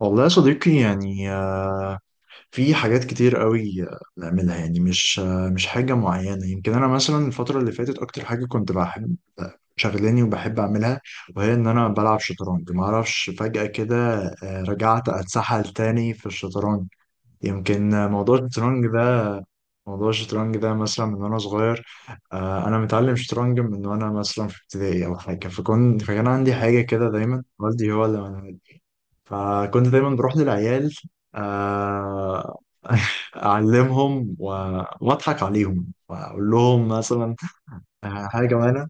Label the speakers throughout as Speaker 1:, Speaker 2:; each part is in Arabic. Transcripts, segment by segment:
Speaker 1: والله يا صديقي يعني في حاجات كتير قوي، بنعملها، يعني مش حاجة معينة. يمكن أنا مثلا الفترة اللي فاتت أكتر حاجة كنت بحب شغلاني وبحب أعملها، وهي إن أنا بلعب شطرنج. معرفش فجأة كده رجعت أتسحل تاني في الشطرنج. يمكن موضوع الشطرنج ده مثلا من وأنا صغير. أنا متعلم شطرنج من وأنا مثلا في ابتدائي أو حاجة. فكان عندي حاجة كده دايما، والدي هو اللي... فكنت دايما بروح للعيال. آه، أعلمهم وأضحك عليهم وأقول لهم مثلا حاجة معانا.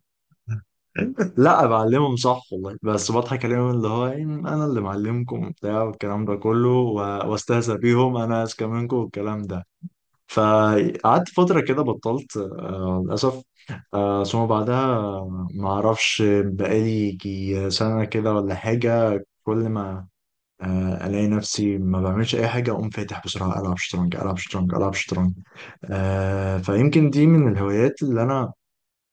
Speaker 1: لا، بعلمهم صح والله، بس بضحك عليهم اللي هو يعني أنا اللي معلمكم وبتاع، والكلام ده كله وأستهزأ بيهم، أنا أذكى منكم والكلام ده. فقعدت فترة كده بطلت، للأسف. ثم بعدها ما أعرفش بقالي يجي سنة كده ولا حاجة. كل ما الاقي نفسي ما بعملش اي حاجه، اقوم فاتح بسرعه، العب شطرنج، العب شطرنج، العب شطرنج. فيمكن دي من الهوايات اللي انا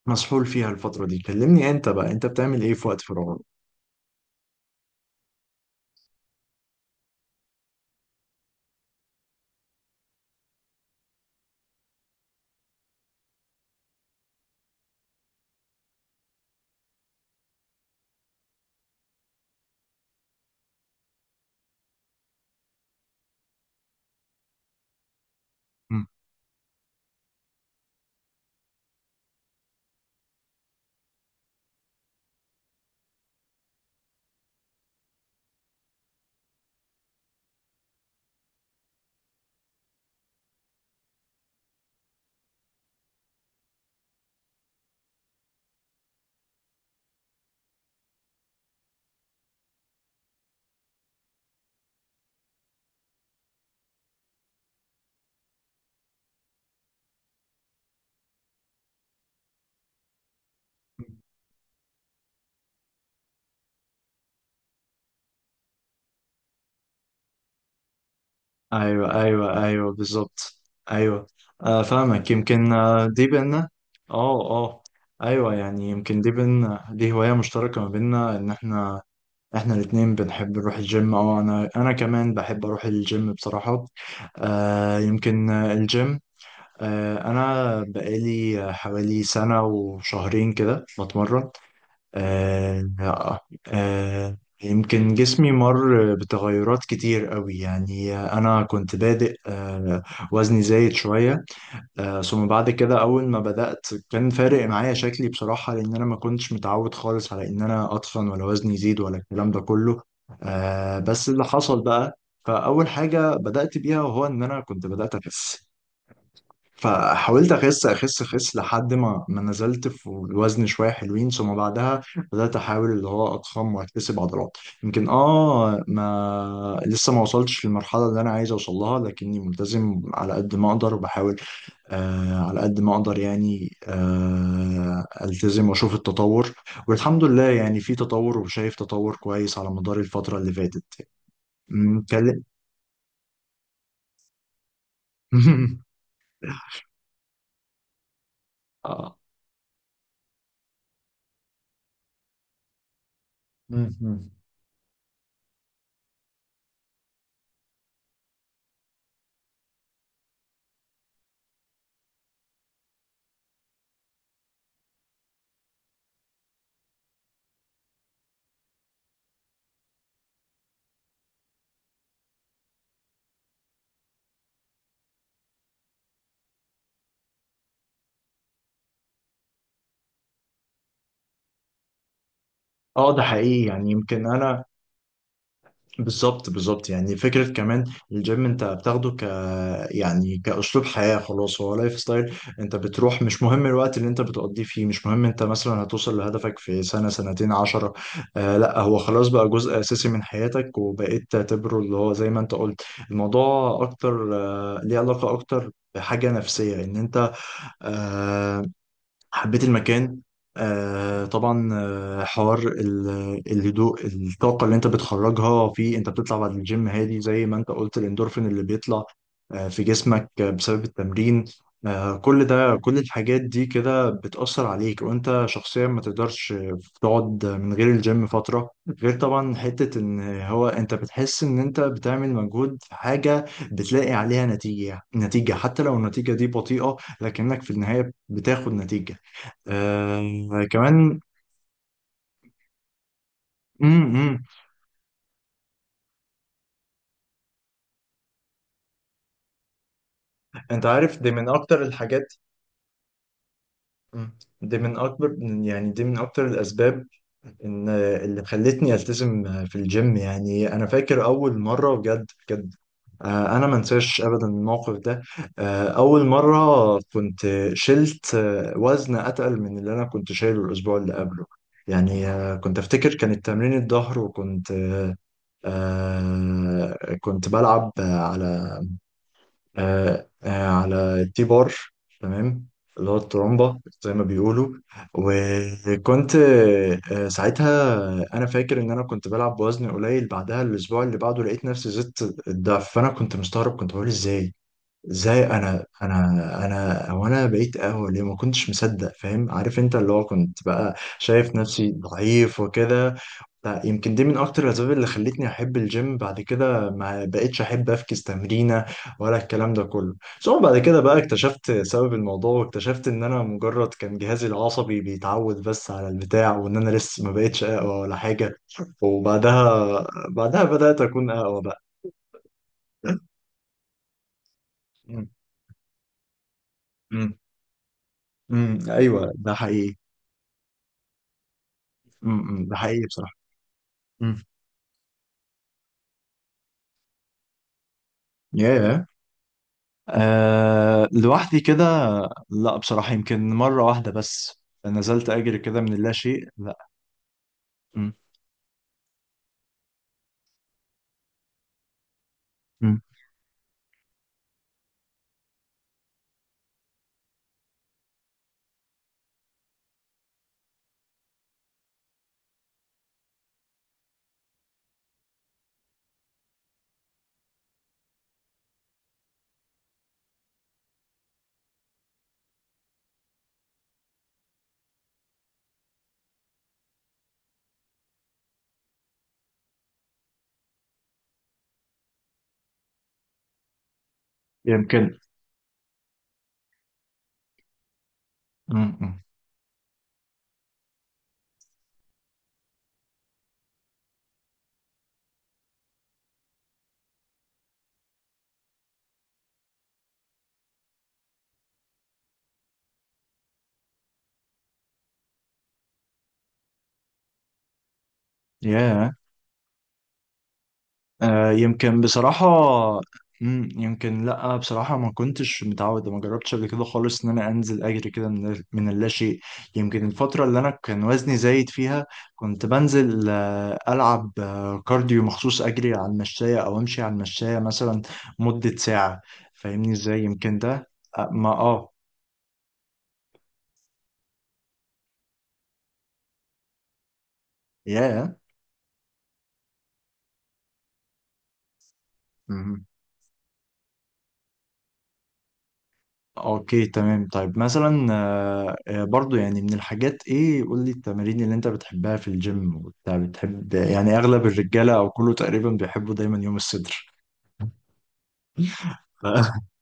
Speaker 1: مسحول فيها الفتره دي. كلمني انت بقى، انت بتعمل ايه في وقت فراغك؟ مم. ايوه ايوه ايوه، بالظبط، ايوه. فاهمك. يمكن دي بينا. اه اه، ايوه. يعني يمكن دي بينا، دي هوايه مشتركه ما بينا، ان احنا الاتنين بنحب نروح الجيم. اه، انا كمان بحب اروح الجيم بصراحه. يمكن الجيم. أنا بقالي حوالي سنة وشهرين كده بتمرن. آه، آه، آه، يمكن جسمي مر بتغيرات كتير قوي، يعني أنا كنت بادئ، وزني زايد شوية. ثم بعد كده أول ما بدأت كان فارق معايا شكلي بصراحة، لأن أنا ما كنتش متعود خالص على إن أنا أتخن ولا وزني يزيد ولا الكلام ده كله. بس اللي حصل بقى، فأول حاجة بدأت بيها وهو إن أنا كنت بدأت أخس. فحاولت اخس اخس اخس لحد ما نزلت في الوزن شويه حلوين. ثم بعدها بدات احاول اللي هو اضخم واكتسب عضلات. يمكن ما لسه ما وصلتش للمرحله اللي انا عايز اوصل لها، لكني ملتزم على قد ما اقدر، وبحاول على قد ما اقدر، يعني التزم واشوف التطور. والحمد لله يعني في تطور، وشايف تطور كويس على مدار الفتره اللي فاتت. أمم، كلم- اه. أمم. ده حقيقي، يعني يمكن انا... بالظبط، بالظبط. يعني فكرة كمان الجيم انت بتاخده ك... يعني كأسلوب حياة، خلاص هو لايف ستايل. انت بتروح مش مهم الوقت اللي انت بتقضيه فيه، مش مهم انت مثلا هتوصل لهدفك في سنة، سنتين، 10. لا هو خلاص بقى جزء أساسي من حياتك، وبقيت تعتبره اللي هو زي ما انت قلت. الموضوع أكتر ليه علاقة أكتر بحاجة نفسية، ان انت آه حبيت المكان. طبعا حوار الهدوء، الطاقة اللي انت بتخرجها، في انت بتطلع بعد الجيم هادي زي ما انت قلت، الاندورفين اللي بيطلع في جسمك بسبب التمرين. كل ده، كل الحاجات دي كده بتأثر عليك، وانت شخصيا ما تقدرش تقعد من غير الجيم فترة. غير طبعا حتة ان هو انت بتحس ان انت بتعمل مجهود في حاجة بتلاقي عليها نتيجة، نتيجة حتى لو النتيجة دي بطيئة، لكنك في النهاية بتاخد نتيجة كمان. امم. انت عارف دي من اكتر الحاجات. مم. دي من اكبر، يعني دي من اكتر الاسباب ان اللي خلتني التزم في الجيم. يعني انا فاكر اول مره بجد بجد، انا ما انساش ابدا الموقف ده. اول مره كنت شلت وزن اتقل من اللي انا كنت شايله الاسبوع اللي قبله. يعني كنت افتكر كانت تمرين الظهر، وكنت كنت بلعب على على التي بار. تمام. اللي هو الترومبا زي ما بيقولوا. وكنت ساعتها، انا فاكر ان انا كنت بلعب بوزن قليل. بعدها الاسبوع اللي بعده لقيت نفسي زدت الضعف. فانا كنت مستغرب، كنت بقول ازاي، ازاي انا انا انا، وانا بقيت قهوه ليه، ما كنتش مصدق. فاهم، عارف انت اللي هو كنت بقى شايف نفسي ضعيف وكده. لا يمكن دي من اكتر الاسباب اللي خلتني احب الجيم. بعد كده ما بقتش احب افكس تمرينه ولا الكلام ده كله. ثم بعد كده بقى اكتشفت سبب الموضوع، واكتشفت ان انا مجرد كان جهازي العصبي بيتعود بس على البتاع، وان انا لسه ما بقتش اقوى ولا حاجه. بعدها بدات اكون اقوى بقى. امم. امم. أمم، ايوه ده حقيقي. امم. أمم، ده حقيقي بصراحه. امم. ياه. أه، لوحدي كده. لا بصراحة يمكن مرة واحدة بس نزلت أجري كده من اللا شيء، لا. م- م- يمكن ياه. يمكن بصراحة. مم، يمكن لأ بصراحة، ما كنتش متعود، ما جربتش قبل كده خالص إن أنا أنزل أجري كده من اللاشيء. يمكن الفترة اللي أنا كان وزني زايد فيها كنت بنزل ألعب كارديو مخصوص، أجري على المشاية أو أمشي على المشاية مثلا مدة ساعة. فاهمني إزاي؟ يمكن ده آه، ما آه ياه. اوكي تمام. طيب مثلا برضو يعني من الحاجات، ايه، قول لي التمارين اللي انت بتحبها في الجيم وبتاع. بتحب يعني، اغلب الرجاله او كله تقريبا بيحبوا دايما يوم الصدر.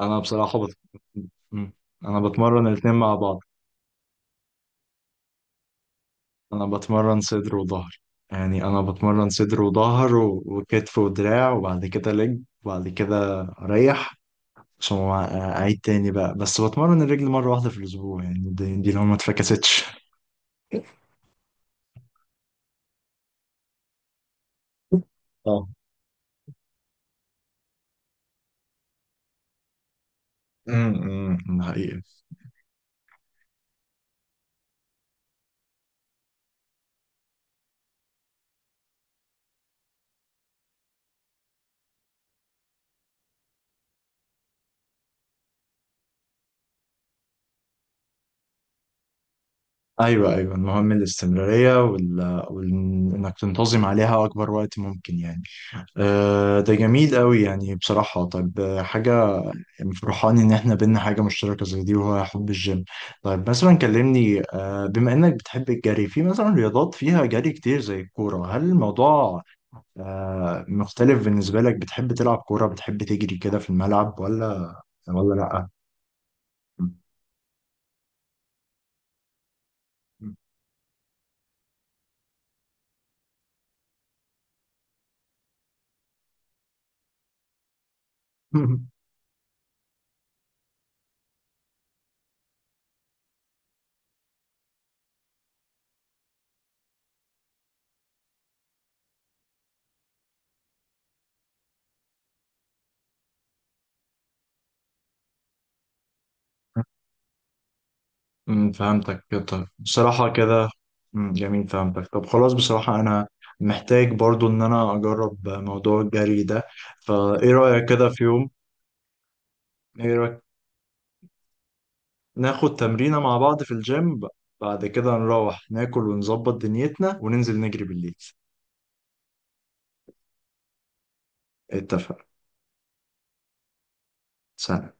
Speaker 1: انا بصراحه مم. انا بتمرن الاتنين مع بعض. انا بتمرن صدر وظهر. يعني انا بتمرن صدر وظهر وكتف ودراع، وبعد كده لج، وبعد كده اريح. ثم اعيد تاني بقى. بس بتمرن الرجل مره واحده في الاسبوع، يعني دي لو ما اتفكستش. امم. أمم، حقيقي. ايوه ايوه، المهم الاستمراريه انك تنتظم عليها اكبر وقت ممكن يعني. أه ده جميل قوي يعني بصراحه. طيب حاجه، فرحان ان احنا بينا حاجه مشتركه زي دي، وهو حب الجيم. طيب مثلا كلمني أه، بما انك بتحب الجري في مثلا رياضات فيها جري كتير زي الكوره، هل الموضوع أه مختلف بالنسبه لك؟ بتحب تلعب كوره؟ بتحب تجري كده في الملعب، ولا ولا لا؟ فهمتك. طب بصراحة كده، امم، جميل فهمتك. طب خلاص، بصراحة أنا محتاج برضو إن أنا أجرب موضوع الجري ده. فإيه رأيك كده في يوم؟ إيه رأيك ناخد تمرينة مع بعض في الجيم، بعد كده نروح ناكل ونظبط دنيتنا وننزل نجري بالليل؟ اتفق. سلام.